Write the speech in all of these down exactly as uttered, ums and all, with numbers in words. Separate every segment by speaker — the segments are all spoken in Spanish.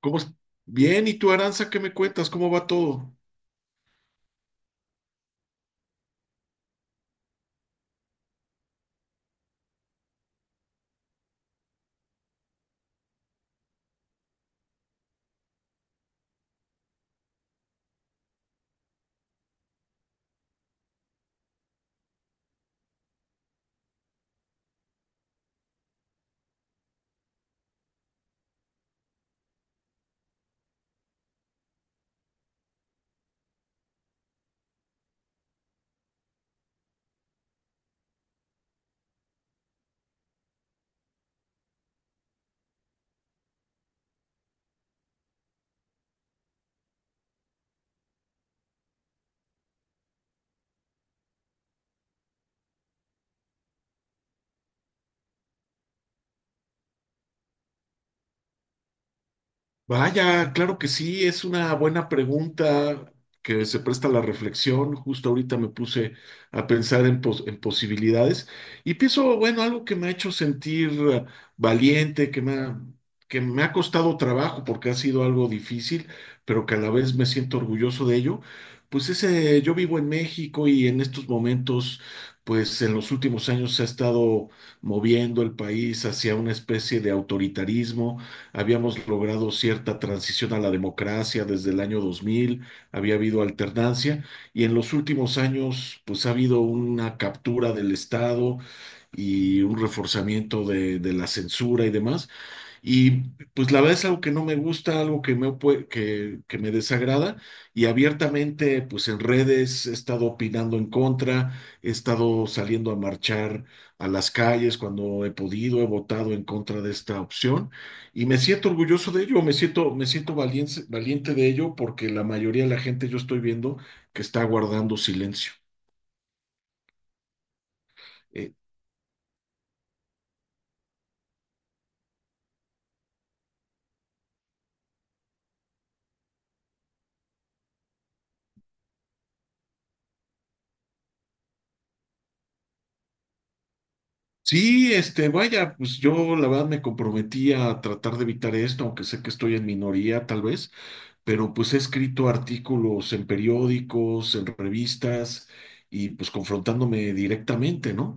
Speaker 1: ¿Cómo es? Bien, ¿y tú, Aranza, qué me cuentas? ¿Cómo va todo? Vaya, claro que sí, es una buena pregunta que se presta a la reflexión. Justo ahorita me puse a pensar en, pos- en posibilidades y pienso, bueno, algo que me ha hecho sentir eh, valiente, que me ha, que me ha costado trabajo porque ha sido algo difícil, pero que a la vez me siento orgulloso de ello. Pues ese, yo vivo en México y en estos momentos, pues en los últimos años se ha estado moviendo el país hacia una especie de autoritarismo. Habíamos logrado cierta transición a la democracia desde el año dos mil, había habido alternancia, y en los últimos años pues ha habido una captura del Estado y un reforzamiento de, de la censura y demás. Y pues la verdad es algo que no me gusta, algo que me, opue- que, que me desagrada, y abiertamente pues en redes he estado opinando en contra, he estado saliendo a marchar a las calles cuando he podido, he votado en contra de esta opción y me siento orgulloso de ello, me siento, me siento valiente, valiente de ello porque la mayoría de la gente yo estoy viendo que está guardando silencio. Eh, Sí, este, vaya, pues yo la verdad me comprometí a tratar de evitar esto, aunque sé que estoy en minoría tal vez, pero pues he escrito artículos en periódicos, en revistas, y pues confrontándome directamente, ¿no?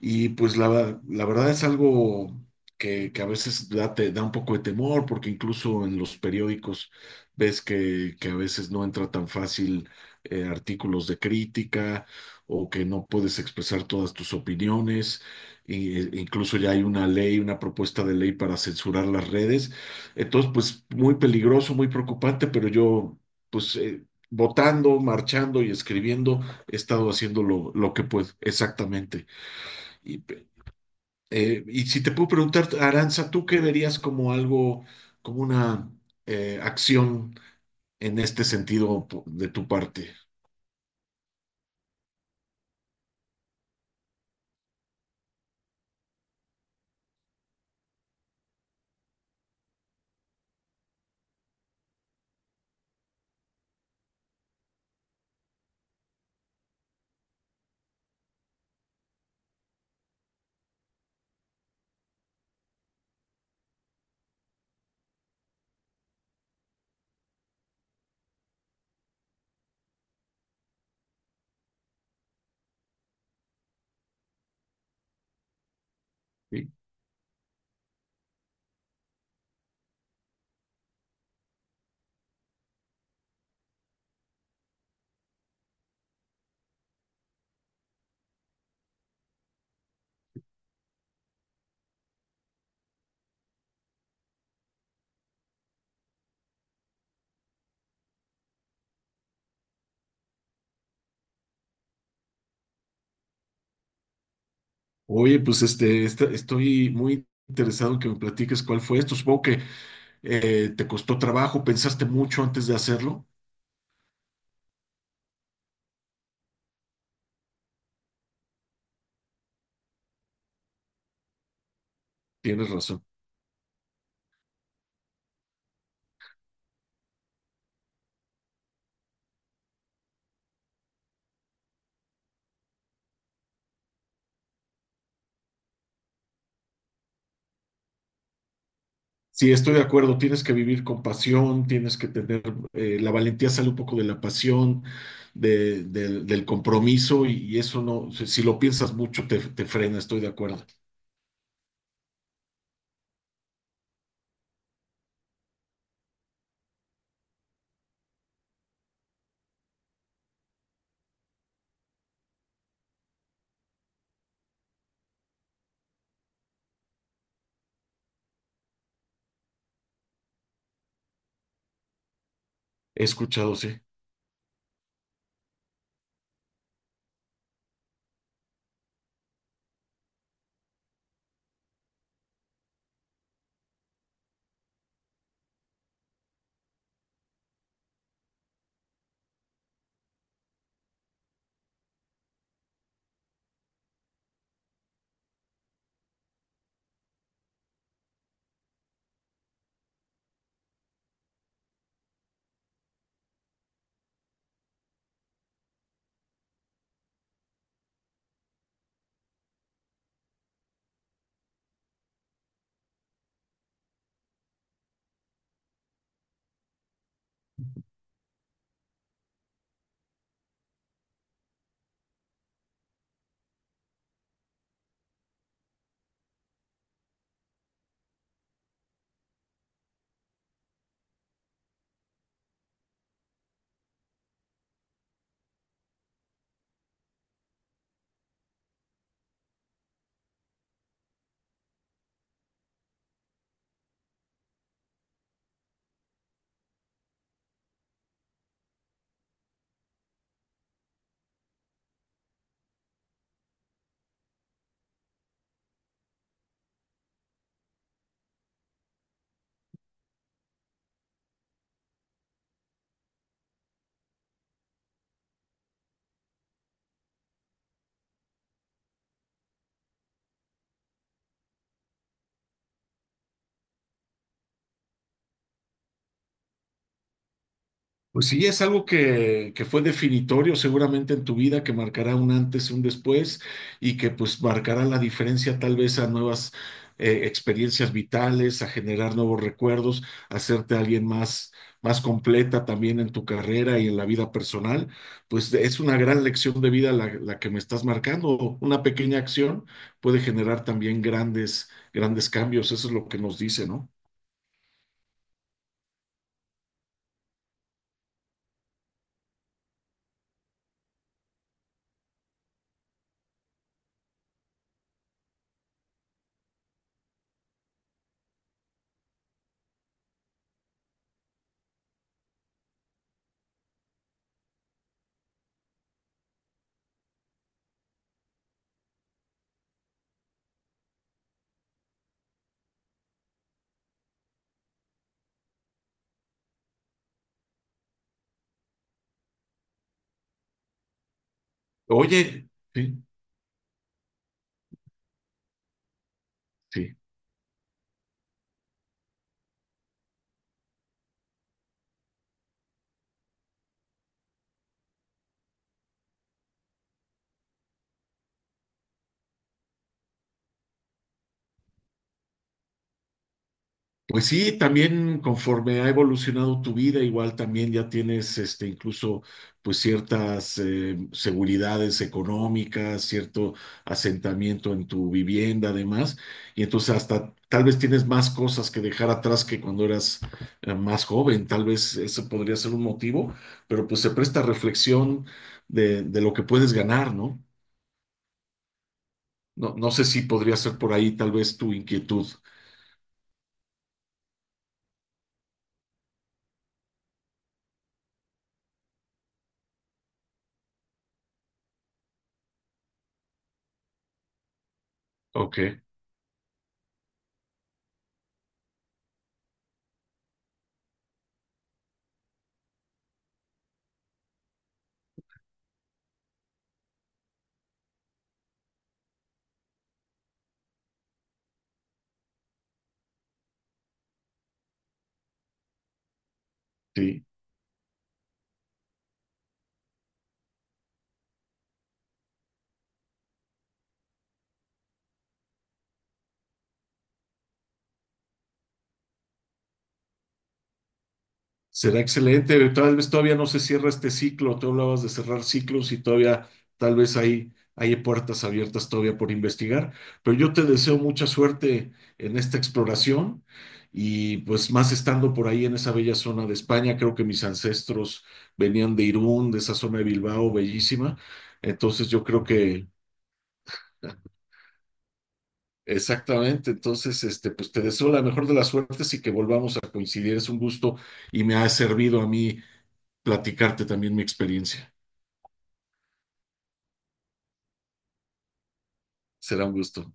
Speaker 1: Y pues la, la verdad es algo que, que a veces da, te da un poco de temor, porque incluso en los periódicos ves que, que a veces no entra tan fácil eh, artículos de crítica o que no puedes expresar todas tus opiniones. Y, eh, incluso ya hay una ley, una propuesta de ley para censurar las redes. Entonces, pues muy peligroso, muy preocupante, pero yo, pues eh, votando, marchando y escribiendo, he estado haciendo lo, lo que puedo, exactamente. Y, eh, y si te puedo preguntar, Aranza, ¿tú qué verías como algo, como una eh, acción en este sentido po- de tu parte? Sí. Oye, pues este, esta- estoy muy interesado en que me platiques cuál fue esto. Supongo que eh, te costó trabajo, pensaste mucho antes de hacerlo. Tienes razón. Sí, estoy de acuerdo, tienes que vivir con pasión, tienes que tener, eh, la valentía sale un poco de la pasión, de- del del compromiso, y, y eso no, si, si lo piensas mucho te, te frena, estoy de acuerdo. He escuchado, sí. Pues sí, es algo que, que fue definitorio seguramente en tu vida, que marcará un antes y un después, y que pues marcará la diferencia tal vez a nuevas eh, experiencias vitales, a generar nuevos recuerdos, a hacerte alguien más, más completa también en tu carrera y en la vida personal. Pues es una gran lección de vida la, la que me estás marcando. Una pequeña acción puede generar también grandes, grandes cambios. Eso es lo que nos dice, ¿no? Oye, sí, sí. Pues sí, también conforme ha evolucionado tu vida, igual también ya tienes este incluso pues ciertas eh, seguridades económicas, cierto asentamiento en tu vivienda, además, y entonces hasta tal vez tienes más cosas que dejar atrás que cuando eras eh, más joven, tal vez ese podría ser un motivo, pero pues se presta reflexión de, de lo que puedes ganar, ¿no? No, no sé si podría ser por ahí tal vez tu inquietud. Ok, sí. Será excelente. Tal vez todavía no se cierra este ciclo. Tú hablabas de cerrar ciclos y todavía tal vez hay, hay puertas abiertas todavía por investigar. Pero yo te deseo mucha suerte en esta exploración, y pues más estando por ahí en esa bella zona de España. Creo que mis ancestros venían de Irún, de esa zona de Bilbao, bellísima. Entonces yo creo que exactamente, entonces, este, pues te deseo la mejor de las suertes y que volvamos a coincidir. Es un gusto, y me ha servido a mí platicarte también mi experiencia. Será un gusto.